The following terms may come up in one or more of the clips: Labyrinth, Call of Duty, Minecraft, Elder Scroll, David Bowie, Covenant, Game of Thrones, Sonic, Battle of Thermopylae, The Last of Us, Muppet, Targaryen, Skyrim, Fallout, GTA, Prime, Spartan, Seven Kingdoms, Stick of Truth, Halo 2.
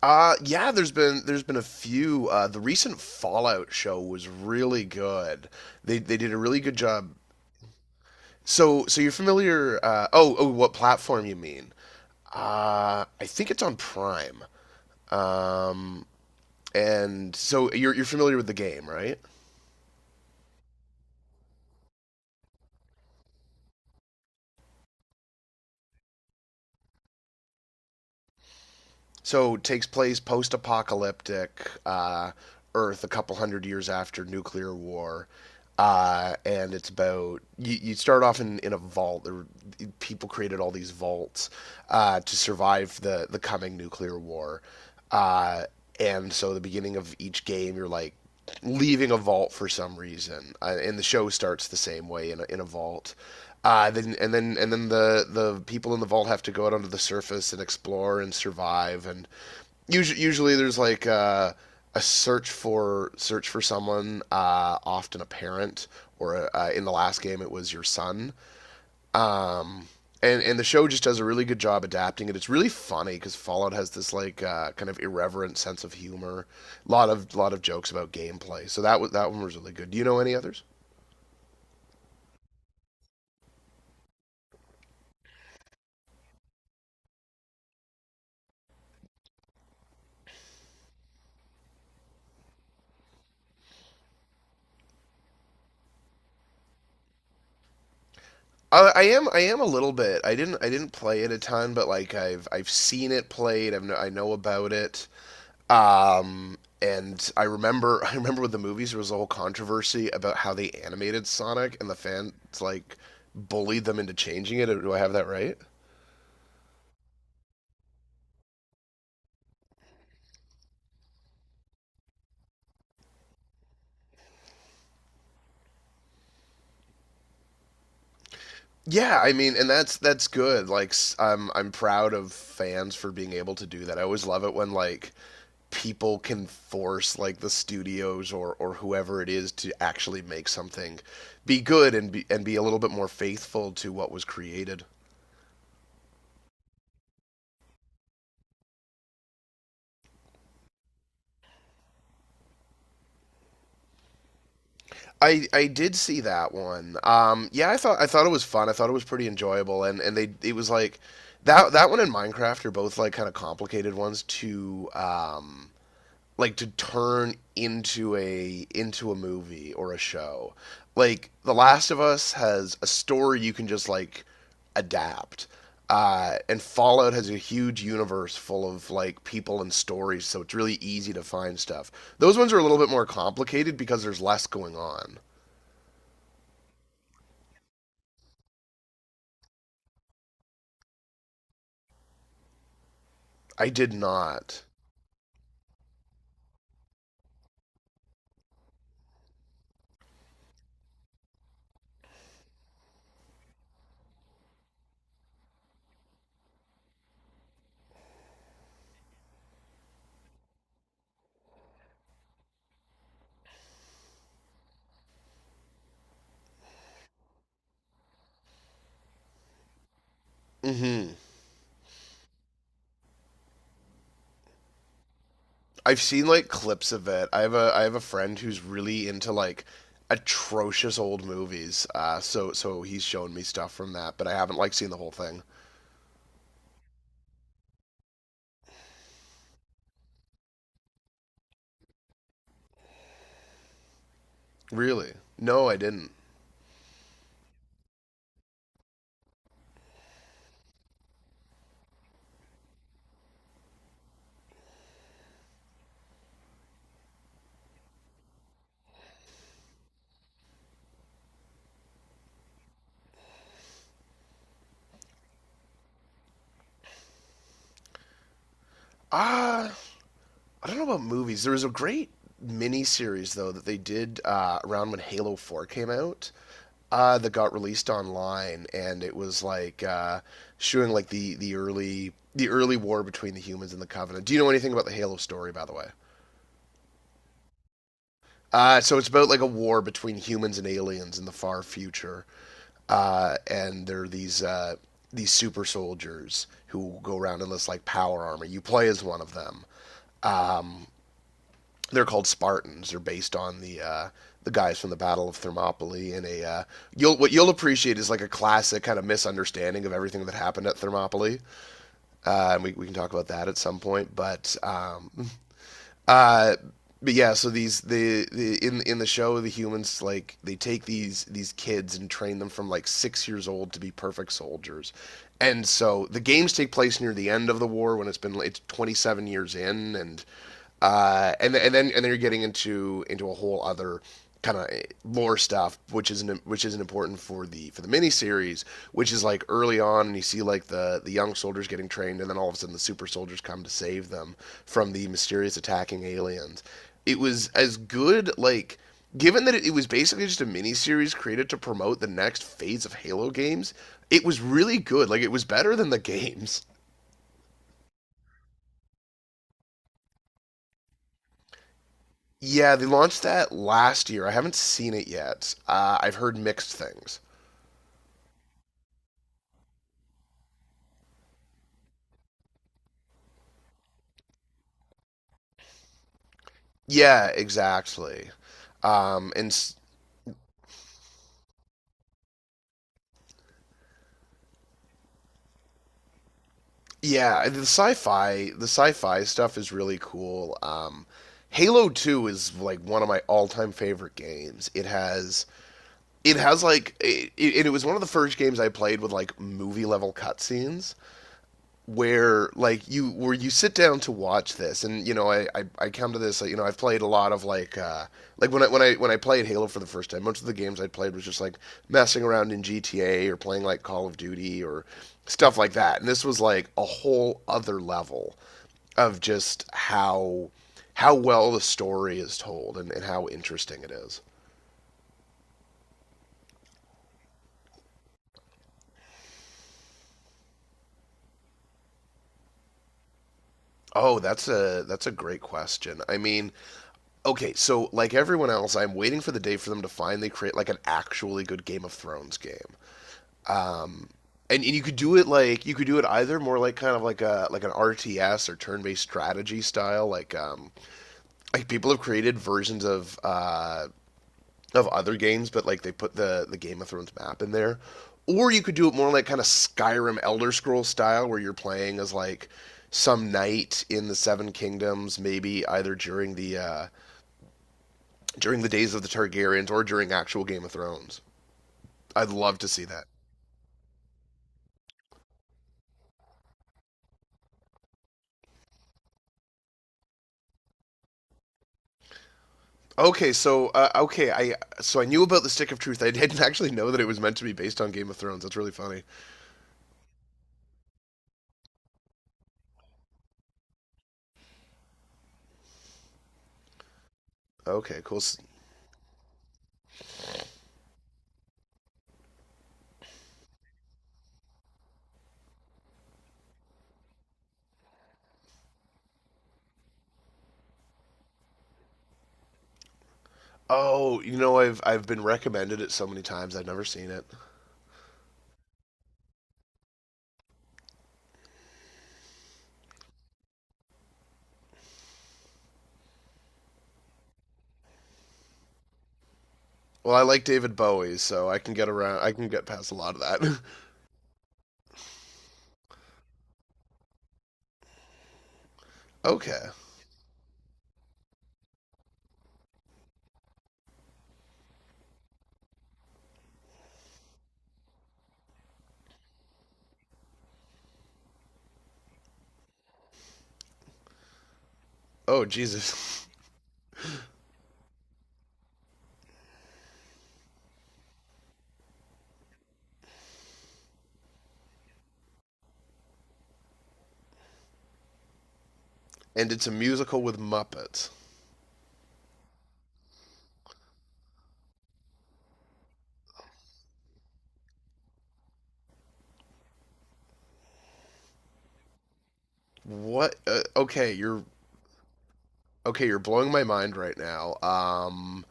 Yeah, there's been a few. The recent Fallout show was really good. They did a really good job. So you're familiar? Oh, what platform you mean? I think it's on Prime. Um, and so you're familiar with the game, right? So it takes place post apocalyptic Earth, a couple hundred years after nuclear war. And it's about you, you start off in a vault. People created all these vaults to survive the coming nuclear war. Uh, and so the beginning of each game, you're like leaving a vault for some reason, and the show starts the same way in a vault. Then the people in the vault have to go out onto the surface and explore and survive. And usually there's like a search for someone, often a parent, or in the last game it was your son um, and the show just does a really good job adapting it. It's really funny because Fallout has this like kind of irreverent sense of humor, a lot of jokes about gameplay. So that one was really good. Do you know any others? I am a little bit. I didn't play it a ton, but like I've seen it played. I know about it. And I remember I remember with the movies there was a whole controversy about how they animated Sonic and the fans like bullied them into changing it. Do I have that right? Yeah, I mean, and that's good. Like, I'm proud of fans for being able to do that. I always love it when like people can force like the studios or whoever it is to actually make something be good and be a little bit more faithful to what was created. I did see that one. Yeah, I thought it was fun. I thought it was pretty enjoyable, and they it was like that one and Minecraft are both like kind of complicated ones to like to turn into a movie or a show. Like The Last of Us has a story you can just like adapt. And Fallout has a huge universe full of like people and stories, so it's really easy to find stuff. Those ones are a little bit more complicated because there's less going on. I did not. hmm I've seen like clips of it. I have a friend who's really into like atrocious old movies. So he's shown me stuff from that, but I haven't like seen the whole thing. Really? No, I didn't. Ah, uh, I don't know about movies. There was a great mini series though that they did around when Halo 4 came out. That got released online, and it was like showing like the early war between the humans and the Covenant. Do you know anything about the Halo story, by the way? So it's about like a war between humans and aliens in the far future, and there are these super soldiers who go around in this like power armor. You play as one of them. They're called Spartans. They're based on the guys from the Battle of Thermopylae. And a you'll what you'll appreciate is like a classic kind of misunderstanding of everything that happened at Thermopylae. And we can talk about that at some point. Uh, but yeah, so these the in the show the humans like they take these kids and train them from like 6 years old to be perfect soldiers, and so the games take place near the end of the war when it's 27 years in, and then you're getting into a whole other kind of lore stuff, which isn't important for the miniseries, which is like early on, and you see like the young soldiers getting trained, and then all of a sudden the super soldiers come to save them from the mysterious attacking aliens. It was as good like. Given that it was basically just a miniseries created to promote the next phase of Halo games, it was really good. Like it was better than the games. Yeah, they launched that last year. I haven't seen it yet. I've heard mixed things. Yeah, exactly. And Yeah, the sci-fi stuff is really cool. Halo 2 is like one of my all-time favorite games. It has like it was one of the first games I played with like movie level cutscenes where you sit down to watch this, and you know I come to this like, you know I've played a lot of like when I played Halo for the first time, most of the games I played was just like messing around in GTA or playing like Call of Duty or stuff like that, and this was like a whole other level of just how well the story is told, and how interesting it is. Oh, that's a great question. I mean, okay, so like everyone else, I'm waiting for the day for them to finally create like an actually good Game of Thrones game. And you could do it like you could do it either more like kind of like a like an RTS or turn-based strategy style, like people have created versions of other games, but like they put the Game of Thrones map in there. Or you could do it more like kind of Skyrim Elder Scroll style, where you're playing as like some knight in the Seven Kingdoms, maybe either during the days of the Targaryens or during actual Game of Thrones. I'd love to see that. Okay, so okay, I so I knew about the Stick of Truth. I didn't actually know that it was meant to be based on Game of Thrones. That's really funny. Okay, cool. Oh, you know I've been recommended it so many times. I've never seen it. Well, I like David Bowie, so I can get around. I can get past a lot of that. Okay. Oh Jesus. And it's a musical with Muppets. What? Okay. You're blowing my mind right now.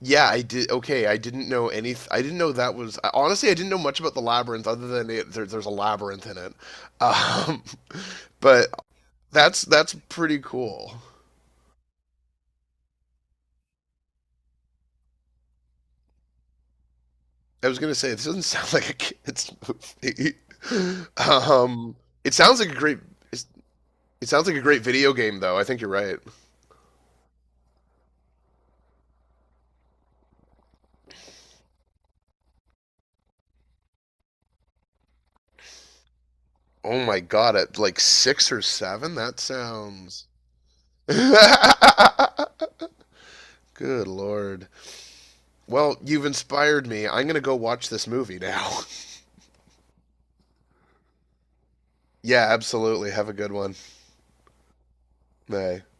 Yeah, I did. Okay, I didn't know any. I didn't know that was. Honestly, I didn't know much about the labyrinth other than there's a labyrinth in it. Um, but that's pretty cool. I was gonna say this doesn't sound like a kids movie. um, it sounds like a great. It It sounds like a great video game, though. I think you're right. Oh my god, at like 6 or 7? That sounds. Good lord. Well, you've inspired me. I'm gonna go watch this movie now. Yeah, absolutely. Have a good one. Bye.